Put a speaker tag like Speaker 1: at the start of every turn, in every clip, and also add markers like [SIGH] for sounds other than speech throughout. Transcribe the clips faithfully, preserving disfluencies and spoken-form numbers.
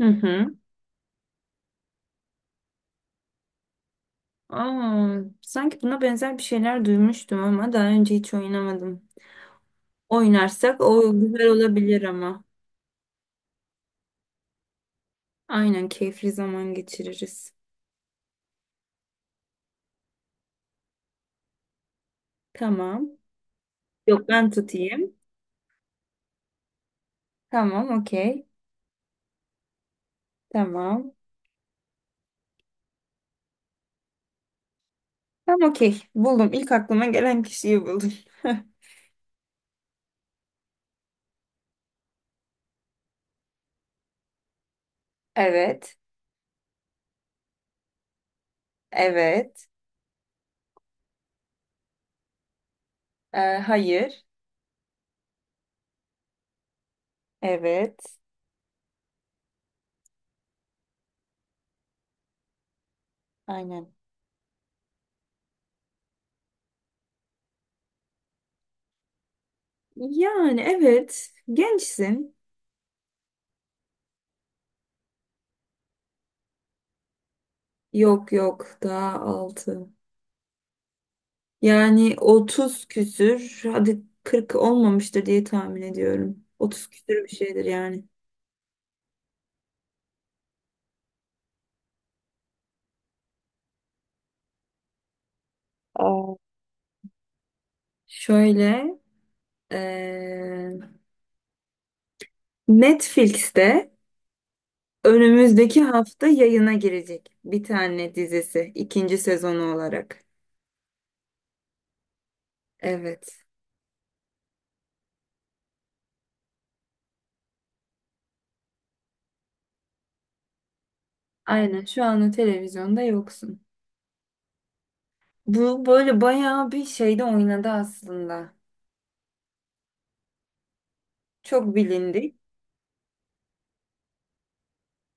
Speaker 1: Hı hı. Aa, sanki buna benzer bir şeyler duymuştum ama daha önce hiç oynamadım. Oynarsak o güzel olabilir ama. Aynen, keyifli zaman geçiririz. Tamam. Yok, ben tutayım. Tamam, okey. Tamam. Tamam, okey. Buldum. İlk aklıma gelen kişiyi buldum. [LAUGHS] Evet. Evet. Ee, hayır. Evet. Aynen. Yani evet. Gençsin. Yok yok. Daha altı. Yani otuz küsür, hadi kırk olmamıştır diye tahmin ediyorum. otuz küsür bir şeydir yani. Aa, şöyle, eee, Netflix'te önümüzdeki hafta yayına girecek bir tane dizisi, ikinci sezonu olarak. Evet. Aynen, şu anda televizyonda yoksun. Bu böyle bayağı bir şeyde oynadı aslında. Çok bilindik.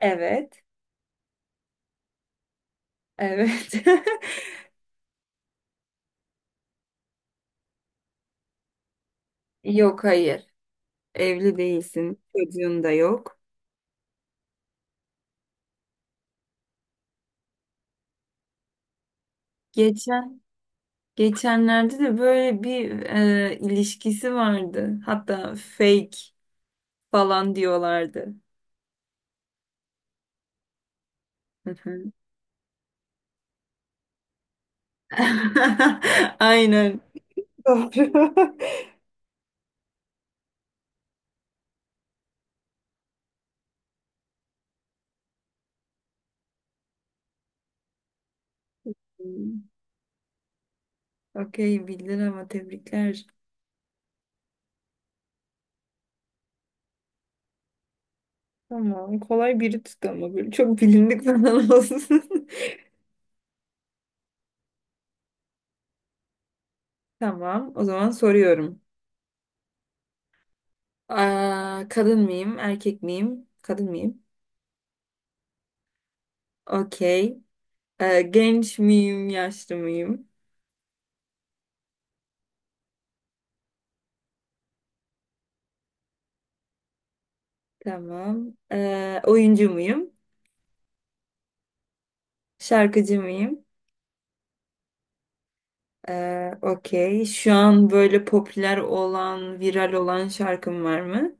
Speaker 1: Evet. Evet. [LAUGHS] Yok, hayır. Evli değilsin. Çocuğun da yok. Geçen geçenlerde de böyle bir e, ilişkisi vardı. Hatta fake falan diyorlardı. Hı hı. [LAUGHS] Aynen. Doğru. [LAUGHS] Okey, bildin ama, tebrikler. Tamam, kolay biri tuttu ama böyle çok bilindik falan [LAUGHS] olsun. Tamam, o zaman soruyorum. Aa, kadın mıyım erkek miyim? Kadın mıyım? Okey. Ee, genç miyim yaşlı mıyım? Tamam. Ee, oyuncu muyum? Şarkıcı mıyım? Ee, okey. Şu an böyle popüler olan, viral olan şarkım var mı?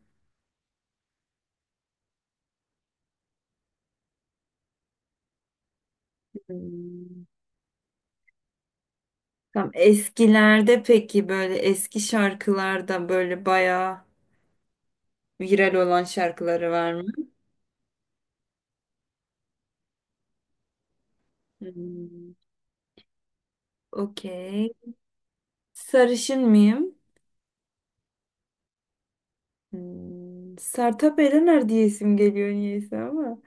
Speaker 1: Hmm. Tamam. Eskilerde peki, böyle eski şarkılarda böyle bayağı viral olan şarkıları var mı? Hmm, okey. Sarışın mıyım? Hmm, Sertab Erener diye isim geliyor niyeyse ama.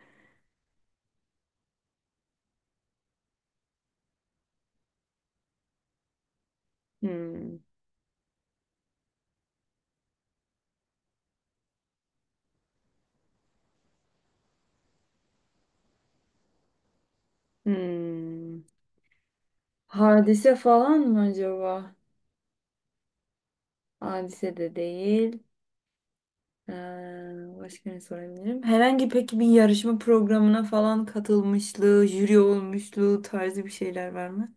Speaker 1: Hmm, hmm. Hadise falan mı acaba? Hadise de değil. Ee, Başka ne sorabilirim? Herhangi peki bir yarışma programına falan katılmışlığı, jüri olmuşluğu tarzı bir şeyler var mı?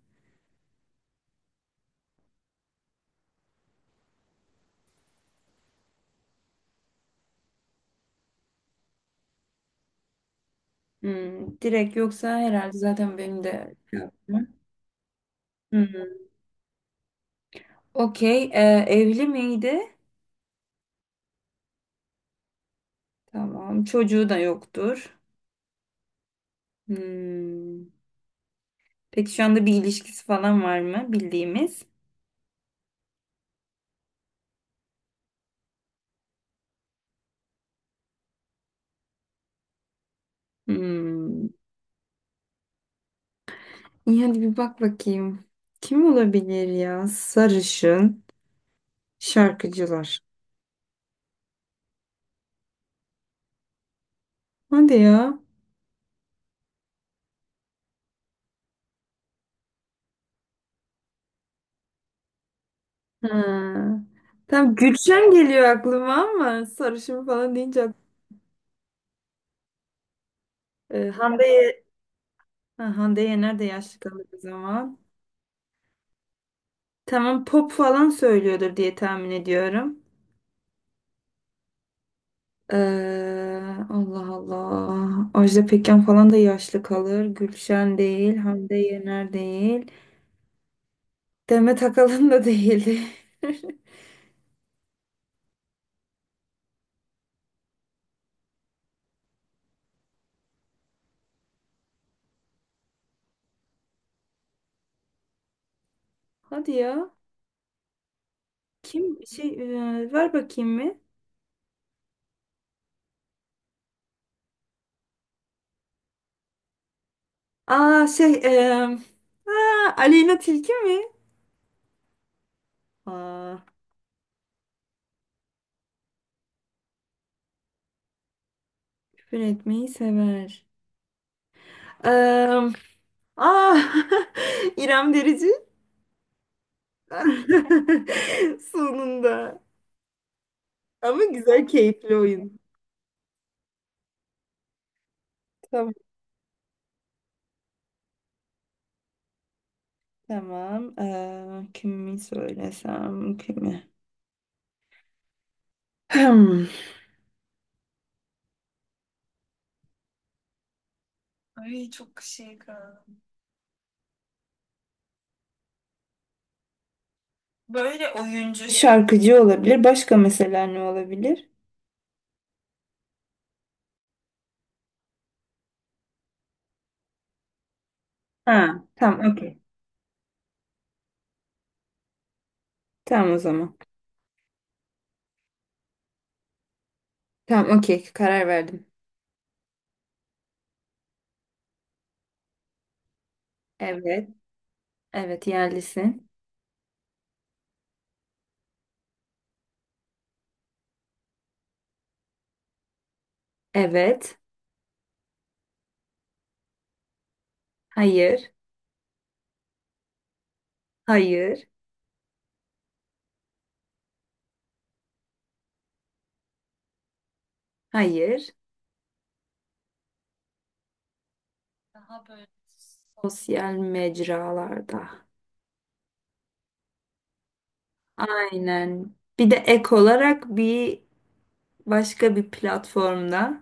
Speaker 1: Hmm, direkt yoksa herhalde, zaten benim de şey yaptım. Hmm. Okey. Ee, evli miydi? Tamam. Çocuğu da yoktur. Hmm. Peki şu anda bir ilişkisi falan var mı bildiğimiz? Hmm. İyi, hadi bir bak bakayım. Kim olabilir ya? Sarışın şarkıcılar. Hadi ya. Ha. Tam Gülşen geliyor aklıma ama sarışın falan deyince ak- Ee, Hande, Ye- ha, Hande Yener de yaşlı kalır o zaman. Tamam, pop falan söylüyordur diye tahmin ediyorum. Ee, Allah Allah. Ajda Pekkan falan da yaşlı kalır. Gülşen değil, Hande Yener değil. Demet Akalın da değildi. [LAUGHS] Hadi ya. Kim şey e, ver bakayım mı? Aa şey e, Aa, Aleyna Tilki mi? Aa. Küfür etmeyi sever. Eee ah, [LAUGHS] İrem Derici. [LAUGHS] Sonunda. Ama güzel, keyifli oyun. Tamam. Tamam. Eee, kimi söylesem kimi? Hmm. Ay, çok şey kaldı. Böyle oyuncu. Şarkıcı olabilir. Başka mesela ne olabilir? Ha, tamam okey. Tamam o zaman. Tamam okey. Karar verdim. Evet. Evet, yerlisin. Evet. Hayır. Hayır. Hayır. Daha böyle sosyal mecralarda. Aynen. Bir de ek olarak bir başka bir platformda.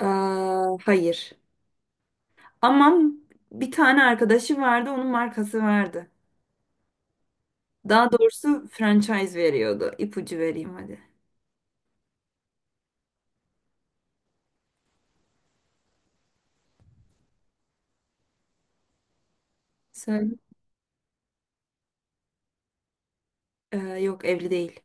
Speaker 1: Aa, hayır. Ama bir tane arkadaşı vardı, onun markası vardı. Daha doğrusu franchise veriyordu. İpucu vereyim hadi. Söyle. Ee, yok, evli değil.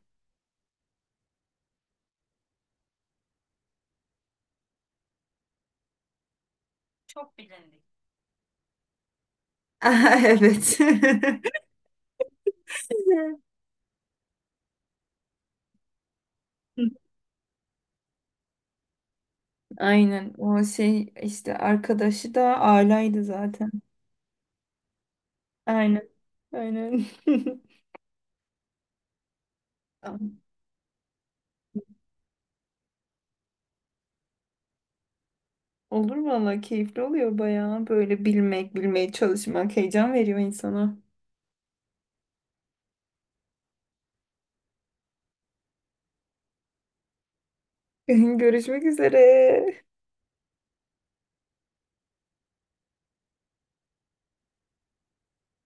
Speaker 1: [LAUGHS] Çok bilindik. Evet. [LAUGHS] Aynen. O şey, işte arkadaşı da alaydı zaten. Aynen. Aynen. [LAUGHS] Tamam. Olur valla, keyifli oluyor bayağı. Böyle bilmek, bilmeye çalışmak heyecan veriyor insana. [LAUGHS] Görüşmek üzere.